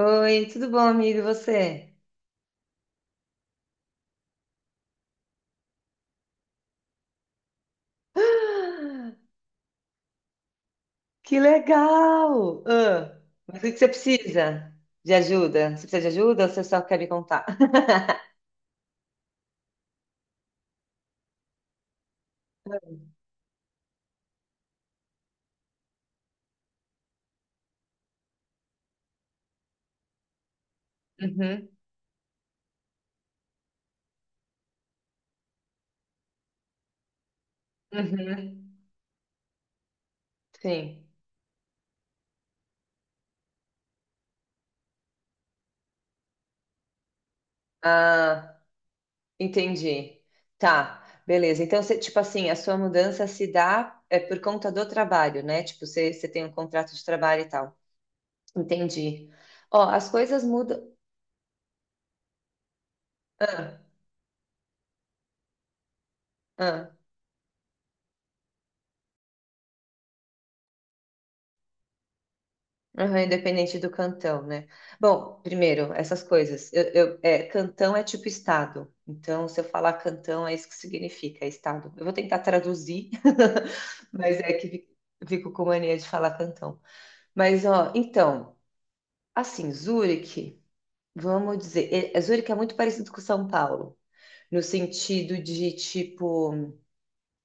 Oi, tudo bom, amigo? E você? Ah, que legal! Ah, mas o que você precisa de ajuda? Você precisa de ajuda ou você só quer me contar? Uhum, uhum, sim. Ah, entendi. Tá, beleza. Então, você, tipo assim, a sua mudança se dá por conta do trabalho, né? Tipo, você tem um contrato de trabalho e tal. Entendi. Ó, as coisas mudam. Ah, ah. Aham, independente do cantão, né? Bom, primeiro, essas coisas. Cantão é tipo estado. Então, se eu falar cantão, é isso que significa, é estado. Eu vou tentar traduzir, mas é que fico com mania de falar cantão. Mas, ó, então, assim, Zurique, vamos dizer, Zurique é muito parecido com São Paulo, no sentido de tipo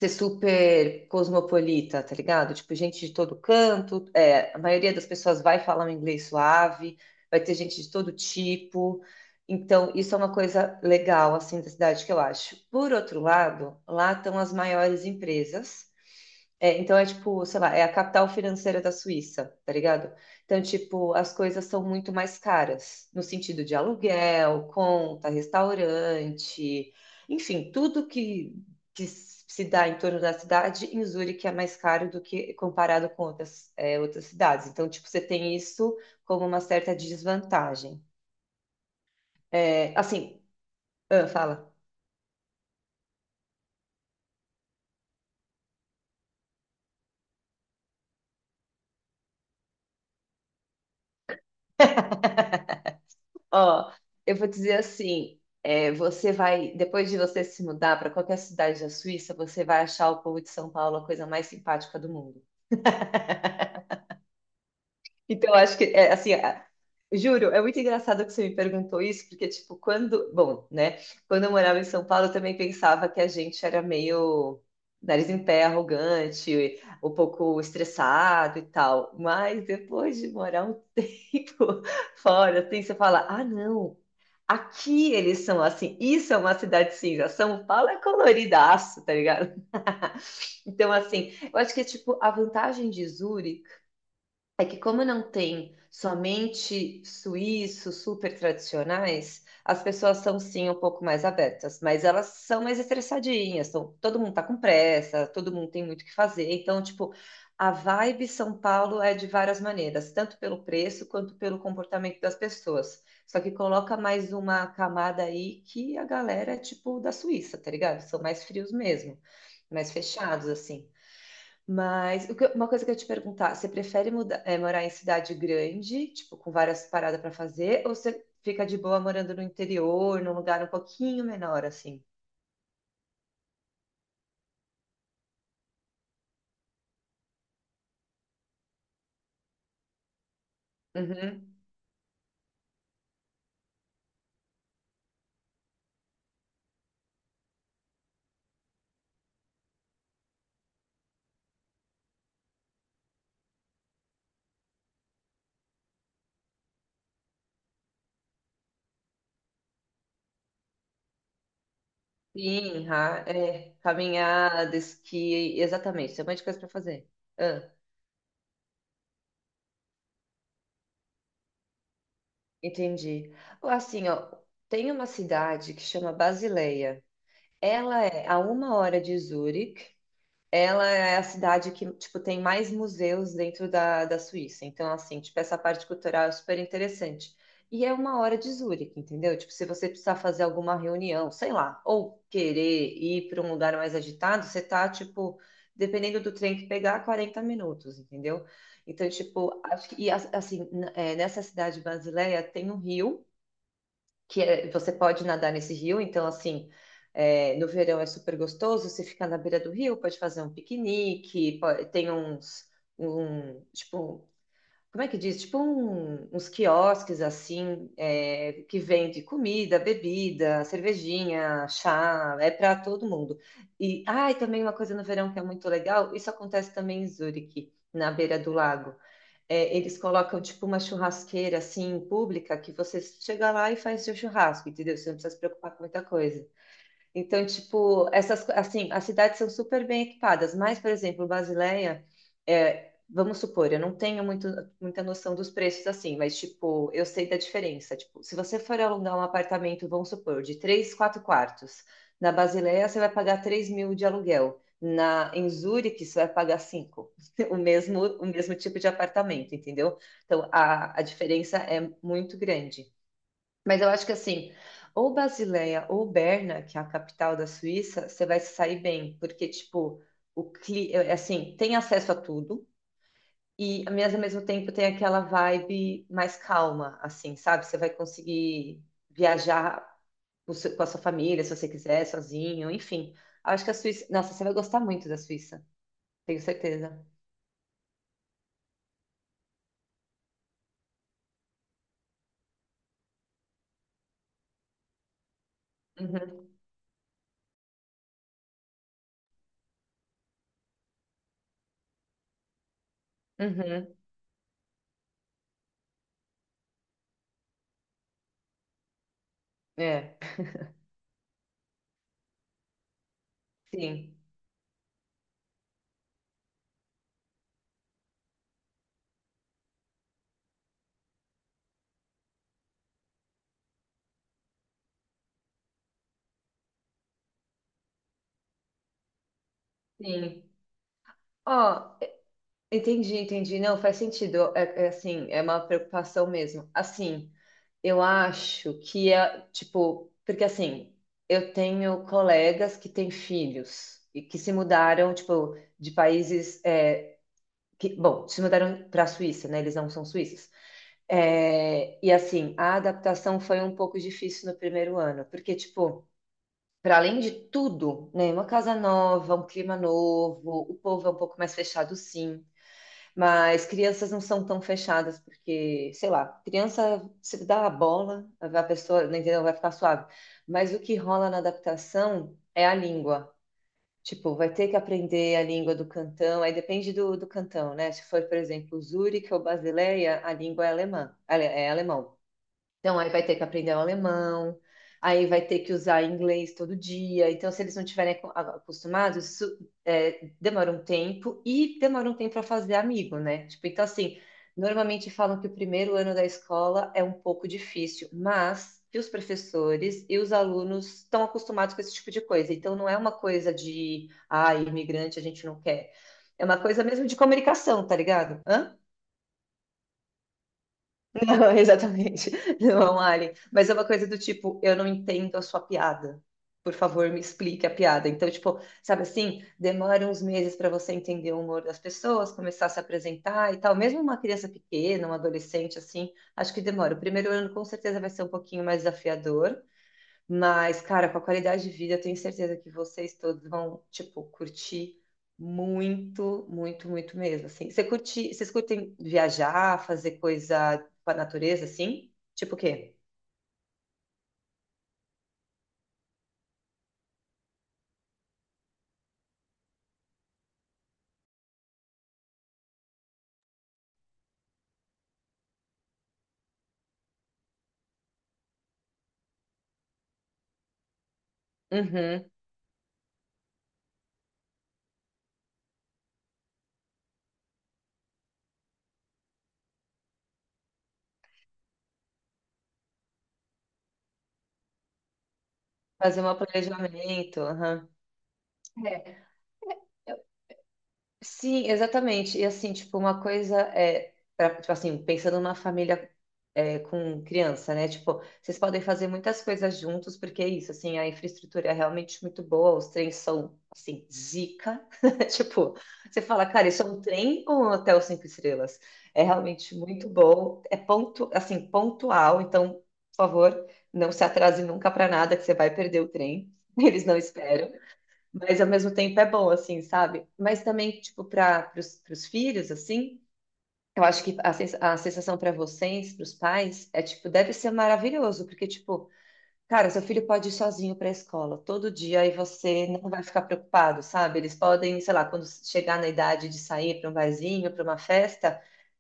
ser super cosmopolita, tá ligado? Tipo, gente de todo canto, a maioria das pessoas vai falar um inglês suave, vai ter gente de todo tipo. Então, isso é uma coisa legal, assim, da cidade, que eu acho. Por outro lado, lá estão as maiores empresas, então é tipo, sei lá, é a capital financeira da Suíça, tá ligado? Então, tipo, as coisas são muito mais caras, no sentido de aluguel, conta, restaurante, enfim, tudo que se dá em torno da cidade. Em Zurique é mais caro do que comparado com outras, outras cidades. Então, tipo, você tem isso como uma certa desvantagem. É, assim, ah, fala. Ó, eu vou dizer assim, você vai, depois de você se mudar para qualquer cidade da Suíça, você vai achar o povo de São Paulo a coisa mais simpática do mundo. Então, eu acho que, assim, juro, é muito engraçado que você me perguntou isso, porque, tipo, quando, bom, né, quando eu morava em São Paulo, eu também pensava que a gente era meio nariz em pé, arrogante, um pouco estressado e tal. Mas depois de morar um tempo fora, assim, você fala, ah, não. Aqui eles são assim, isso é uma cidade cinza. São Paulo é coloridaço, tá ligado? Então, assim, eu acho que, tipo, a vantagem de Zurique é que, como não tem somente suíços super tradicionais, as pessoas são sim um pouco mais abertas, mas elas são mais estressadinhas, são, todo mundo tá com pressa, todo mundo tem muito o que fazer. Então, tipo, a vibe São Paulo é, de várias maneiras, tanto pelo preço quanto pelo comportamento das pessoas. Só que coloca mais uma camada aí, que a galera é tipo da Suíça, tá ligado? São mais frios mesmo, mais fechados, assim. Mas o que uma coisa que eu ia te perguntar, você prefere morar em cidade grande, tipo, com várias paradas para fazer, ou você fica de boa morando no interior, num lugar um pouquinho menor, assim? Uhum. Sim, caminhada, esqui, exatamente, tem um monte de coisa para fazer. Ah, entendi. Ó, assim, ó, tem uma cidade que chama Basileia. Ela é a uma hora de Zurique. Ela é a cidade que, tipo, tem mais museus dentro da, da Suíça. Então, assim, tipo, essa parte cultural é super interessante. E é uma hora de Zurique, entendeu? Tipo, se você precisar fazer alguma reunião, sei lá, ou querer ir para um lugar mais agitado, você tá, tipo, dependendo do trem que pegar, 40 minutos, entendeu? Então, tipo, acho que, assim, nessa cidade brasileira tem um rio, que você pode nadar nesse rio. Então assim, é, no verão é super gostoso, você fica na beira do rio, pode fazer um piquenique, tem uns, um, tipo, como é que diz? Tipo uns quiosques assim, é, que vende comida, bebida, cervejinha, chá, é para todo mundo. E, ah, e também uma coisa no verão que é muito legal, isso acontece também em Zurique, na beira do lago, é, eles colocam tipo uma churrasqueira assim pública, que você chega lá e faz seu churrasco, entendeu? Você não precisa se preocupar com muita coisa. Então, tipo, essas, assim, as cidades são super bem equipadas. Mas, por exemplo, Basileia, é, vamos supor, eu não tenho muito, muita noção dos preços assim, mas, tipo, eu sei da diferença. Tipo, se você for alugar um apartamento, vamos supor, de três, quatro quartos, na Basileia você vai pagar 3.000 de aluguel, na, em Zurique você vai pagar cinco, o mesmo tipo de apartamento, entendeu? Então, a diferença é muito grande. Mas eu acho que assim, ou Basileia ou Berna, que é a capital da Suíça, você vai se sair bem, porque tipo, é assim, tem acesso a tudo, e mas ao mesmo tempo tem aquela vibe mais calma, assim, sabe? Você vai conseguir viajar com a sua família, se você quiser, sozinho, enfim. Acho que a Suíça, nossa, você vai gostar muito da Suíça, tenho certeza. Uhum, uhum, é, sim, sim. Ó, entendi, entendi. Não, faz sentido. É, é assim, é uma preocupação mesmo. Assim, eu acho que é, tipo, porque assim, eu tenho colegas que têm filhos e que se mudaram, tipo, de países, é, que, bom, se mudaram para a Suíça, né? Eles não são suíços. É, e assim, a adaptação foi um pouco difícil no primeiro ano, porque, tipo, para além de tudo, né? Uma casa nova, um clima novo, o povo é um pouco mais fechado, sim. Mas crianças não são tão fechadas, porque, sei lá, criança se dá a bola, a pessoa, não entendeu, vai ficar suave. Mas o que rola na adaptação é a língua. Tipo, vai ter que aprender a língua do cantão, aí depende do cantão, né? Se for, por exemplo, Zurique ou Basileia, a língua é alemã, é alemão. Então, aí vai ter que aprender o alemão, aí vai ter que usar inglês todo dia. Então, se eles não estiverem acostumados, isso demora um tempo, e demora um tempo para fazer amigo, né? Tipo, então, assim, normalmente falam que o primeiro ano da escola é um pouco difícil, mas que os professores e os alunos estão acostumados com esse tipo de coisa. Então, não é uma coisa de, ah, imigrante a gente não quer. É uma coisa mesmo de comunicação, tá ligado? Hã? Não, exatamente. Não é um alien. Mas é uma coisa do tipo, eu não entendo a sua piada. Por favor, me explique a piada. Então, tipo, sabe assim, demora uns meses para você entender o humor das pessoas, começar a se apresentar e tal. Mesmo uma criança pequena, um adolescente, assim, acho que demora. O primeiro ano com certeza vai ser um pouquinho mais desafiador. Mas, cara, com a qualidade de vida, eu tenho certeza que vocês todos vão, tipo, curtir muito, muito, muito mesmo, assim. Você curte, vocês curtem viajar, fazer coisa com a natureza, assim? Tipo o quê? Uhum. Fazer um planejamento, aham. É. Sim, exatamente. E assim, tipo, uma coisa é, tipo assim, pensando numa família, é, com criança, né? Tipo, vocês podem fazer muitas coisas juntos, porque é isso, assim, a infraestrutura é realmente muito boa, os trens são, assim, zica. Tipo, você fala, cara, isso é um trem ou um hotel cinco estrelas? É realmente muito bom, é ponto, assim, pontual. Então, por favor, não se atrase nunca para nada, que você vai perder o trem. Eles não esperam. Mas ao mesmo tempo é bom, assim, sabe? Mas também, tipo, para os filhos, assim, eu acho que a, a sensação para vocês, para os pais, é tipo, deve ser maravilhoso, porque, tipo, cara, seu filho pode ir sozinho para a escola todo dia e você não vai ficar preocupado, sabe? Eles podem, sei lá, quando chegar na idade de sair para um barzinho, para uma festa.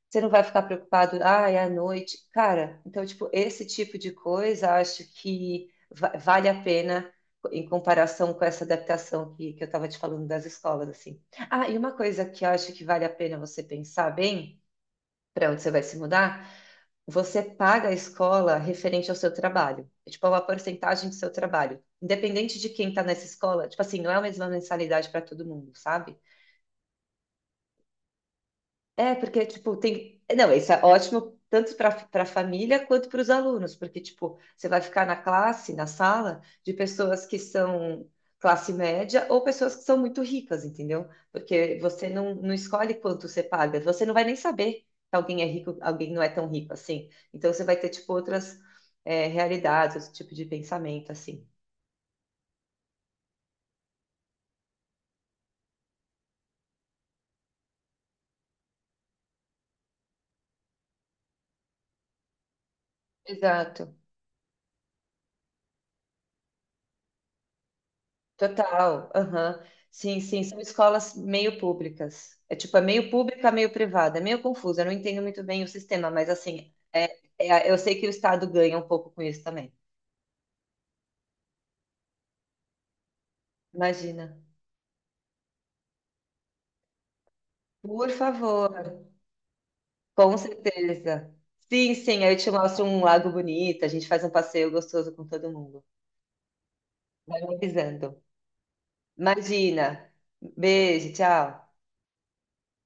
Você não vai ficar preocupado, ah, é à noite. Cara, então, tipo, esse tipo de coisa acho que vale a pena em comparação com essa adaptação que eu estava te falando, das escolas, assim. Ah, e uma coisa que eu acho que vale a pena você pensar bem, para onde você vai se mudar, você paga a escola referente ao seu trabalho. É, tipo, é uma porcentagem do seu trabalho. Independente de quem está nessa escola, tipo assim, não é a mesma mensalidade para todo mundo, sabe? É, porque, tipo, tem. Não, isso é ótimo tanto para a família quanto para os alunos, porque, tipo, você vai ficar na classe, na sala, de pessoas que são classe média ou pessoas que são muito ricas, entendeu? Porque você não, não escolhe quanto você paga, você não vai nem saber que alguém é rico, alguém não é tão rico assim. Então, você vai ter, tipo, outras, realidades, outro tipo de pensamento, assim. Exato. Total, aham. Sim, sim, são escolas meio públicas. É tipo, é meio pública, meio privada. É meio confuso, eu não entendo muito bem o sistema, mas assim, é, eu sei que o Estado ganha um pouco com isso também. Imagina. Por favor, com certeza. Sim, sim, aí eu te mostro um lago bonito, a gente faz um passeio gostoso com todo mundo. Vai me avisando. Imagina. Beijo, tchau.